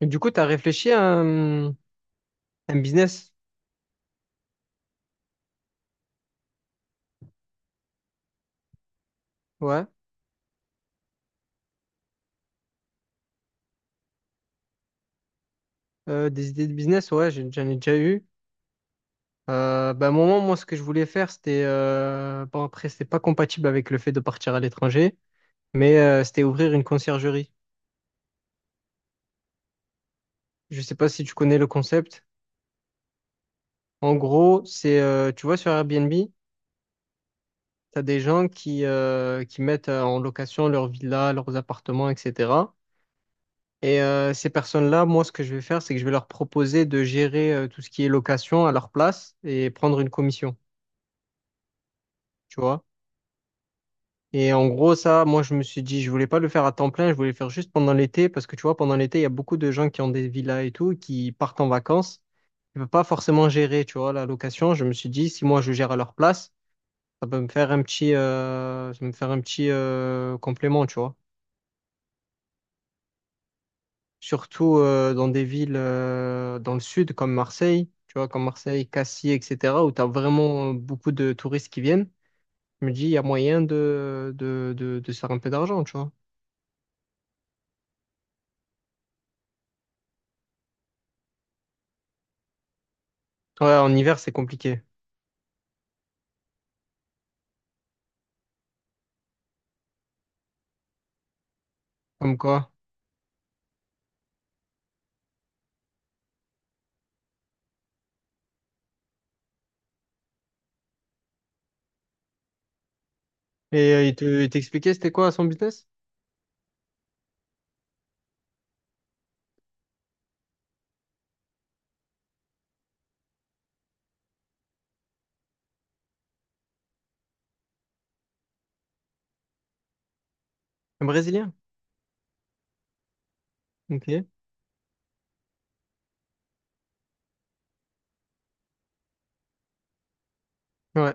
Et du coup, tu as réfléchi à un business? ouais, des idées de business, ouais, j'en ai déjà eu. À un moment, moi, ce que je voulais faire, c'était, bon, après, c'était pas compatible avec le fait de partir à l'étranger, mais c'était ouvrir une conciergerie. Je sais pas si tu connais le concept. En gros, c'est, tu vois, sur Airbnb, tu as des gens qui mettent en location leurs villas, leurs appartements, etc. Et ces personnes-là, moi, ce que je vais faire, c'est que je vais leur proposer de gérer tout ce qui est location à leur place et prendre une commission, tu vois. Et en gros, ça, moi, je me suis dit, je voulais pas le faire à temps plein, je voulais le faire juste pendant l'été, parce que tu vois, pendant l'été, il y a beaucoup de gens qui ont des villas et tout, qui partent en vacances, ils ne peuvent pas forcément gérer, tu vois, la location. Je me suis dit, si moi, je gère à leur place, ça peut me faire un petit, complément, tu vois. Surtout dans des villes dans le sud comme Marseille, Cassis, etc., où tu as vraiment beaucoup de touristes qui viennent, je me dis, il y a moyen de se faire un peu d'argent, tu vois. Ouais, en hiver, c'est compliqué. Comme quoi. Et il t'expliquait, c'était quoi son business? Un Brésilien? Ok. Ouais.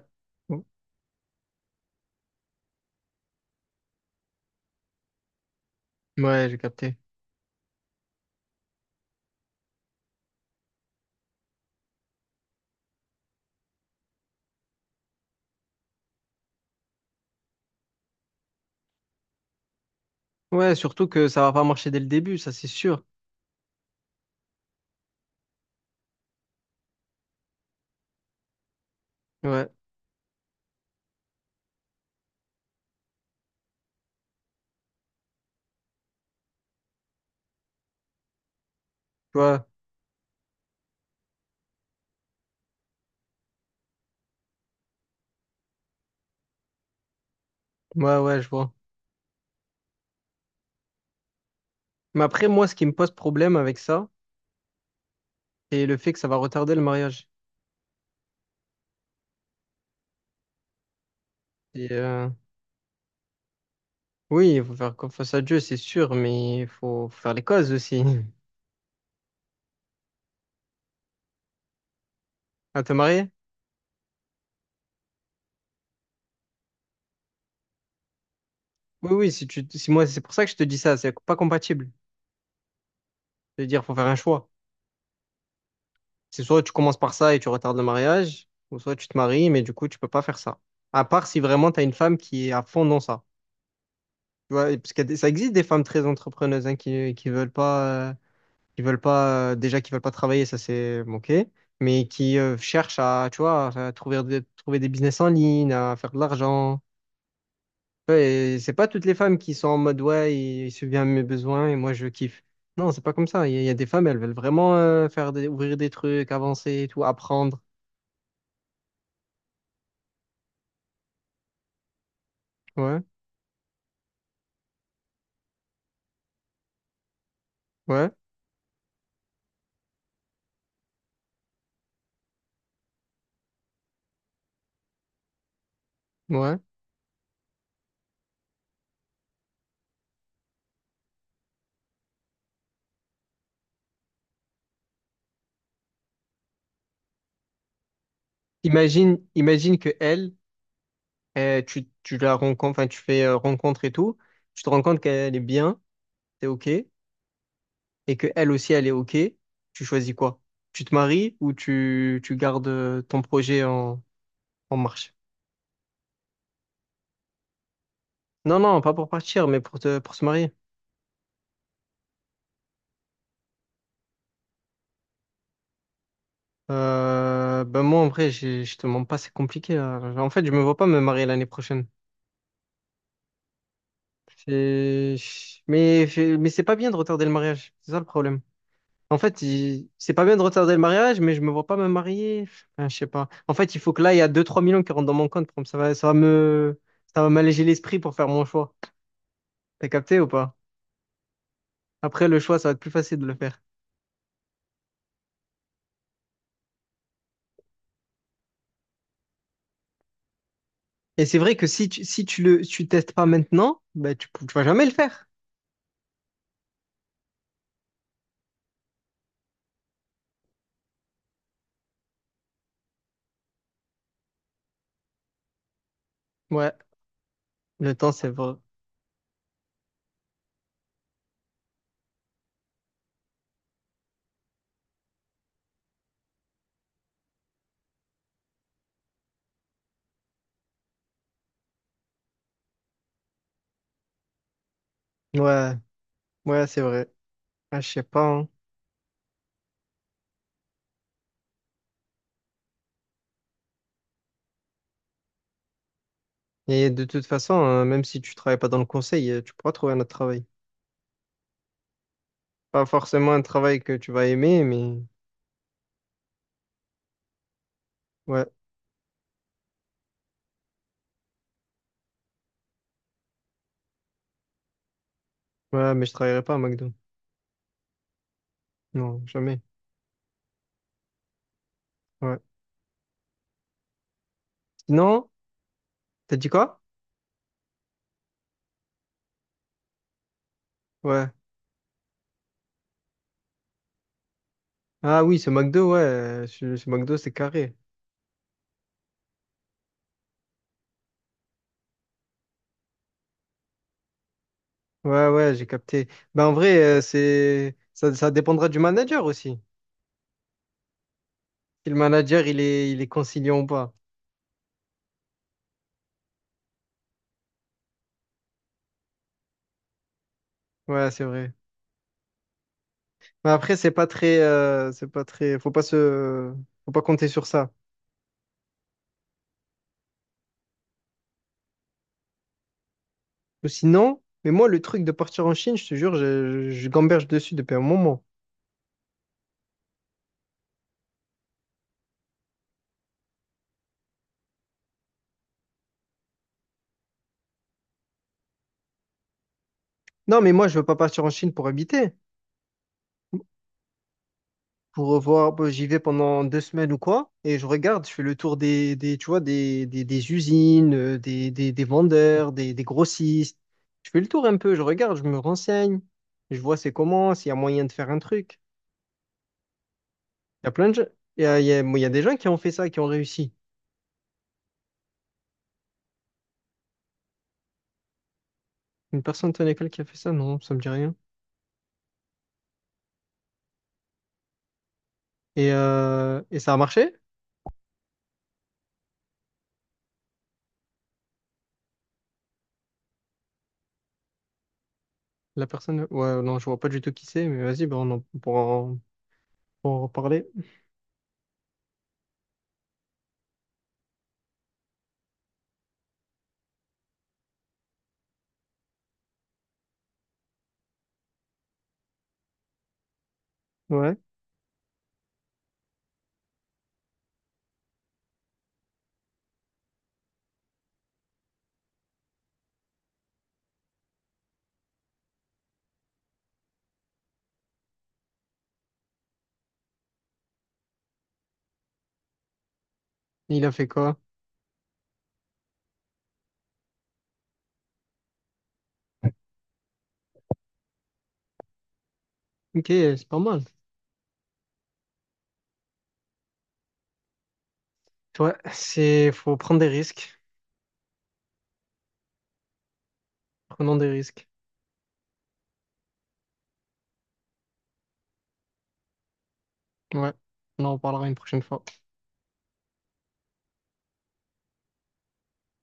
Ouais, j'ai capté. Ouais, surtout que ça va pas marcher dès le début, ça c'est sûr. Ouais, tu vois. Ouais, ouais, je vois. Mais après, moi, ce qui me pose problème avec ça, c'est le fait que ça va retarder le mariage. Et, euh, Oui, il faut faire confiance à Dieu, c'est sûr, mais il faut faire les causes aussi. À te marier? Oui, oui, si moi, c'est pour ça que je te dis ça, c'est pas compatible. C'est-à-dire, faut faire un choix. C'est soit tu commences par ça et tu retardes le mariage, ou soit tu te maries, mais du coup, tu peux pas faire ça. À part si vraiment tu as une femme qui est à fond dans ça. Tu vois, et parce que ça existe des femmes très entrepreneuses hein, qui veulent pas, déjà qui veulent pas travailler, ça c'est bon, ok, mais qui cherchent à, tu vois, à trouver, trouver des business en ligne, à faire de l'argent. Ouais, et c'est pas toutes les femmes qui sont en mode ouais, il subvient à mes besoins et moi je kiffe. Non, c'est pas comme ça. Il y a des femmes, elles veulent vraiment faire des, ouvrir des trucs, avancer et tout, apprendre. Ouais, ouais, ouais. Imagine, imagine que elle, tu la rencontres, enfin tu fais rencontre et tout, tu te rends compte qu'elle est bien, t'es ok, et que elle aussi elle est ok. Tu choisis quoi? Tu te maries ou tu gardes ton projet en, en marche? Non, non, pas pour partir, mais pour te, pour se marier. Ben moi, en vrai, je te mens pas, c'est compliqué, hein. En fait, je me vois pas me marier l'année prochaine. C'est- Mais, mais c'est pas bien de retarder le mariage. C'est ça le problème. En fait, c'est pas bien de retarder le mariage, mais je me vois pas me marier. Enfin, je sais pas. En fait, il faut que là, il y a deux trois millions qui rentrent dans mon compte. Pour Ça va, ça va m'alléger l'esprit pour faire mon choix. T'as capté ou pas? Après, le choix, ça va être plus facile de le faire. Et c'est vrai que si tu testes pas maintenant, ben, tu vas jamais le faire. Ouais, le temps, c'est vrai. Ouais, ouais, c'est vrai. Ah, je sais pas, hein. Et de toute façon, même si tu travailles pas dans le conseil, tu pourras trouver un autre travail. Pas forcément un travail que tu vas aimer, mais ouais, ouais, mais je travaillerai pas à McDo. Non, jamais. Ouais. Sinon, t'as dit quoi? Ouais. Ah oui, ce McDo, ouais, ce McDo, c'est carré. Ouais, ouais, j'ai capté. Ben en vrai, c'est ça, ça dépendra du manager aussi. Si le manager, il est conciliant ou pas. Ouais, c'est vrai. Mais après, c'est pas très, c'est pas très. Faut pas compter sur ça. Ou sinon, mais moi, le truc de partir en Chine, je te jure, je gamberge dessus depuis un moment. Non, mais moi, je veux pas partir en Chine pour habiter. Pour revoir, bah, j'y vais pendant 2 semaines ou quoi, et je regarde, je fais le tour tu vois, des usines, des vendeurs, des grossistes. Je fais le tour un peu, je regarde, je me renseigne, je vois c'est comment, s'il y a moyen de faire un truc. Il y a plein de gens, bon, il y a des gens qui ont fait ça, qui ont réussi. Une personne de ton école qui a fait ça, non, ça me dit rien. Et ça a marché? La personne, ouais, non, je vois pas du tout qui c'est, mais vas-y, bah, on en pourra en, pourra en reparler. Ouais. Il a fait quoi? Ok, c'est pas mal. Ouais, c'est, faut prendre des risques. Prenons des risques. Ouais. On en reparlera une prochaine fois.